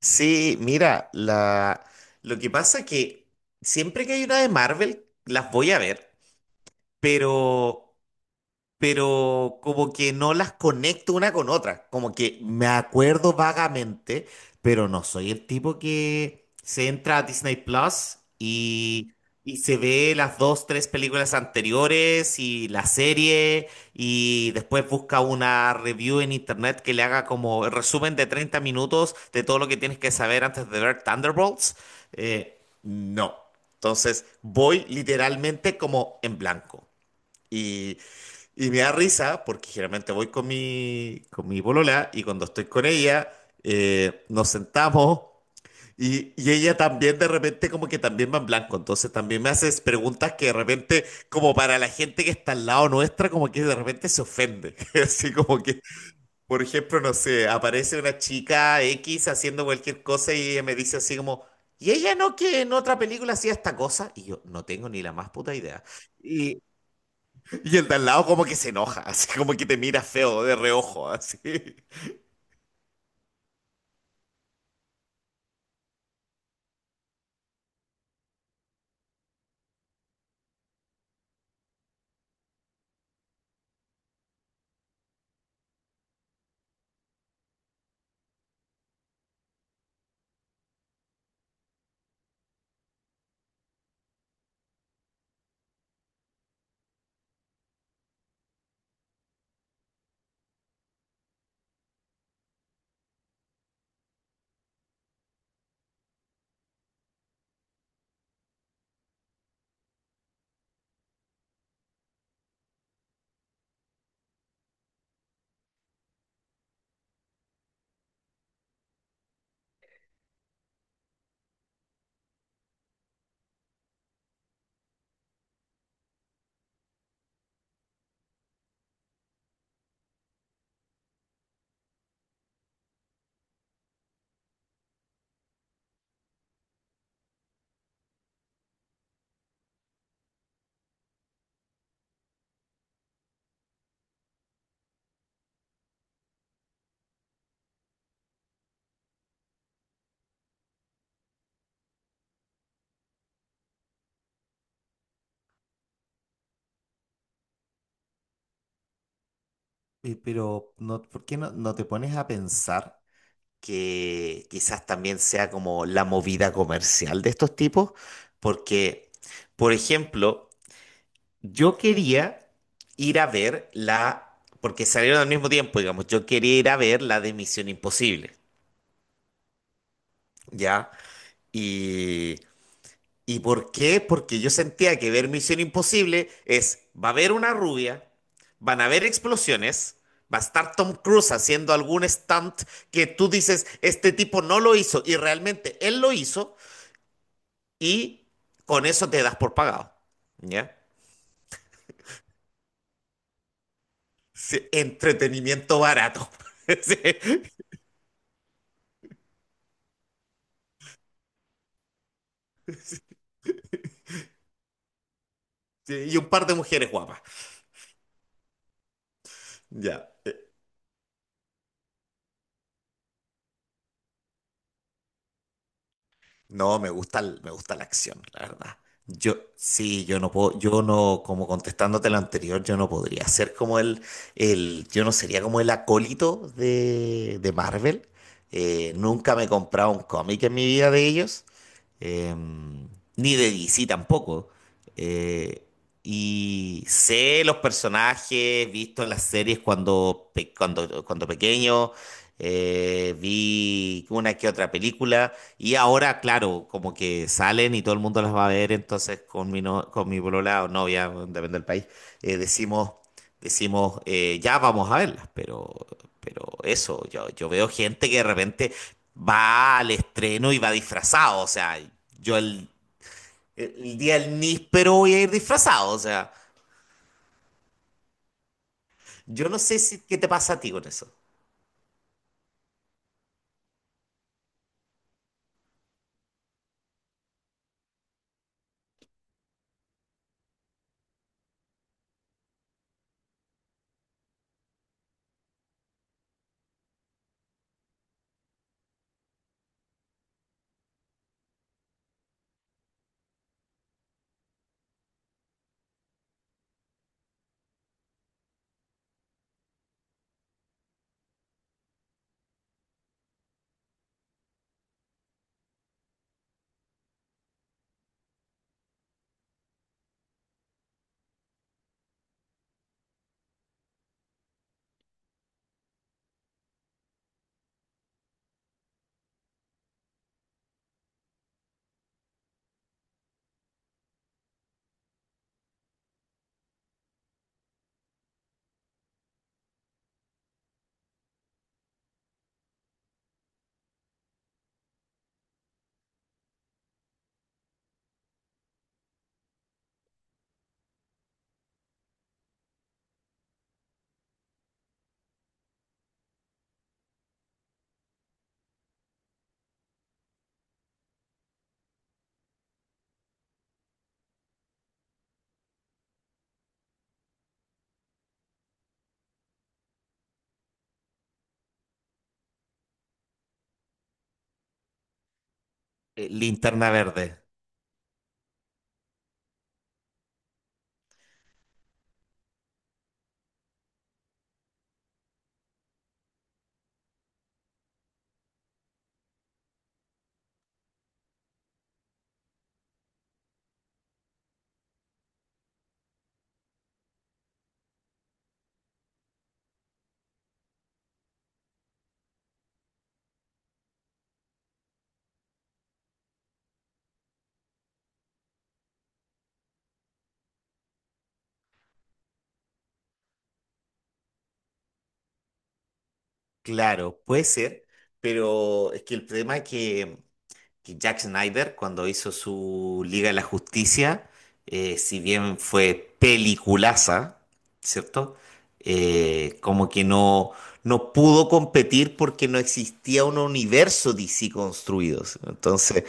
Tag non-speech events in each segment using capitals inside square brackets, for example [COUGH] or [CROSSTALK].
Sí, mira, la... lo que pasa que siempre que hay una de Marvel, las voy a ver, pero como que no las conecto una con otra. Como que me acuerdo vagamente, pero no soy el tipo que se entra a Disney Plus y, se ve las dos, tres películas anteriores y la serie y después busca una review en internet que le haga como el resumen de 30 minutos de todo lo que tienes que saber antes de ver Thunderbolts. No. Entonces voy literalmente como en blanco y y me da risa porque generalmente voy con con mi polola y cuando estoy con ella nos sentamos y, ella también de repente como que también va en blanco. Entonces también me haces preguntas que de repente como para la gente que está al lado nuestra como que de repente se ofende. [LAUGHS] Así como que, por ejemplo, no sé, aparece una chica X haciendo cualquier cosa y ella me dice así como... Y ella no que en otra película hacía esta cosa y yo no tengo ni la más puta idea. Y el de al lado como que se enoja, así como que te mira feo de reojo, así. Pero, no, ¿por qué no te pones a pensar que quizás también sea como la movida comercial de estos tipos? Porque, por ejemplo, yo quería ir a ver la, porque salieron al mismo tiempo, digamos, yo quería ir a ver la de Misión Imposible, ¿ya? Y ¿Y por qué? Porque yo sentía que ver Misión Imposible es, va a haber una rubia, van a haber explosiones, va a estar Tom Cruise haciendo algún stunt que tú dices, este tipo no lo hizo y realmente él lo hizo y con eso te das por pagado. ¿Ya? Sí, entretenimiento barato. [LAUGHS] Sí, sí, y un par de mujeres guapas. Ya. No, me gusta, me gusta la acción, la verdad. Yo, sí, yo no, como contestándote lo anterior, yo no podría ser como yo no sería como el acólito de, Marvel. Nunca me he comprado un cómic en mi vida de ellos, eh, ni de DC tampoco. Eh, y sé los personajes, visto en las series cuando, cuando pequeño, vi una que otra película, y ahora, claro, como que salen y todo el mundo las va a ver, entonces con mi, no- con mi polola o novia, depende del país, decimos... Decimos, ya vamos a verlas, pero, eso, yo veo gente que de repente va al estreno y va disfrazado, o sea, yo el, el día del níspero voy a ir disfrazado, o sea, yo no sé si, qué te pasa a ti con eso. Linterna verde, claro, puede ser, pero es que el problema es que Jack Snyder, cuando hizo su Liga de la Justicia, si bien fue peliculaza, ¿cierto? Como que no, no pudo competir porque no existía un universo DC construido. ¿Sí? Entonces,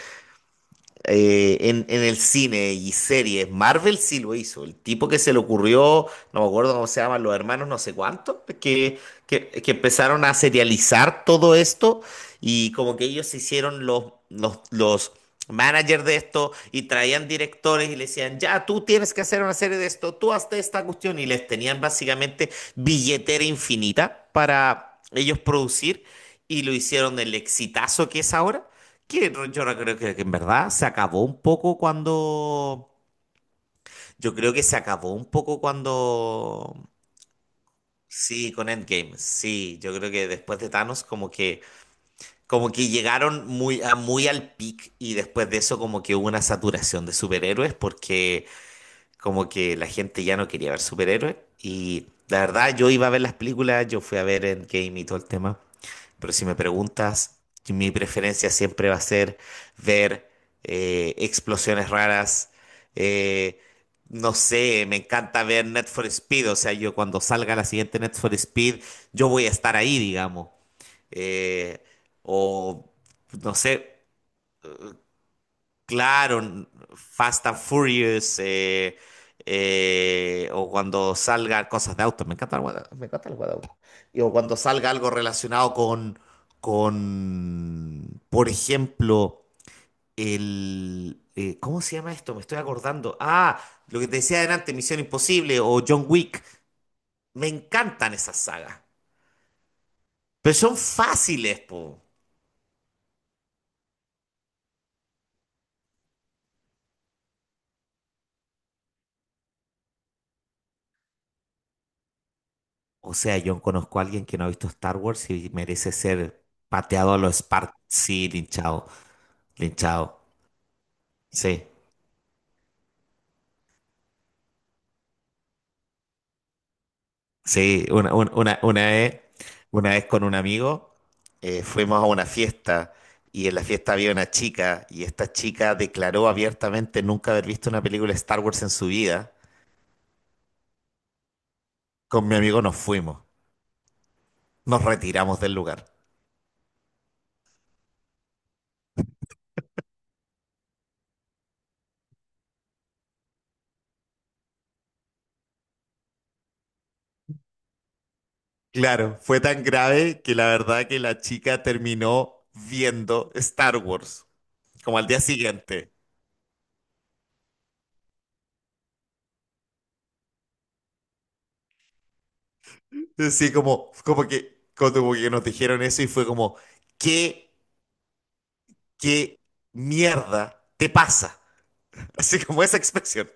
en el cine y series, Marvel sí lo hizo. El tipo que se le ocurrió, no me acuerdo cómo se llaman, los hermanos no sé cuánto, que empezaron a serializar todo esto y como que ellos se hicieron los managers de esto y traían directores y le decían, ya, tú tienes que hacer una serie de esto, tú hazte esta cuestión y les tenían básicamente billetera infinita para ellos producir y lo hicieron el exitazo que es ahora. Que no- yo no creo que en verdad se acabó un poco cuando. Yo creo que se acabó un poco cuando. Sí, con Endgame. Sí, yo creo que después de Thanos como que llegaron muy al peak y después de eso como que hubo una saturación de superhéroes porque como que la gente ya no quería ver superhéroes y la verdad yo iba a ver las películas, yo fui a ver Endgame y todo el tema. Pero si me preguntas, mi preferencia siempre va a ser ver, explosiones raras. eh, no sé, me encanta ver Net for Speed. O sea, yo cuando salga la siguiente Net for Speed, yo voy a estar ahí, digamos. Eh, o no sé. Claro, Fast and Furious, o cuando salgan cosas de autos, me encanta me encanta el guada. Y o cuando salga algo relacionado con, por ejemplo, ¿cómo se llama esto? Me estoy acordando. Ah, lo que te decía adelante, Misión Imposible o John Wick. Me encantan esas sagas, pero son fáciles, po. O sea, yo conozco a alguien que no ha visto Star Wars y merece ser pateado a los Spartans. Sí, linchado, linchado. Sí, sí, una vez con un amigo, fuimos a una fiesta y en la fiesta había una chica y esta chica declaró abiertamente nunca haber visto una película de Star Wars en su vida. Con mi amigo nos fuimos, nos retiramos del lugar. Claro, fue tan grave que la verdad que la chica terminó viendo Star Wars, como al día siguiente. Sí, como que nos dijeron eso y fue como, ¿qué, qué mierda te pasa? [LAUGHS] Así como esa expresión.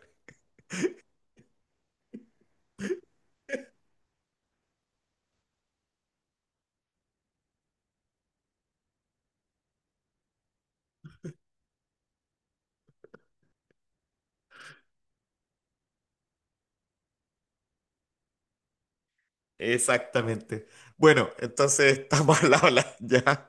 Exactamente. Bueno, entonces [LAUGHS] estamos al habla, ya.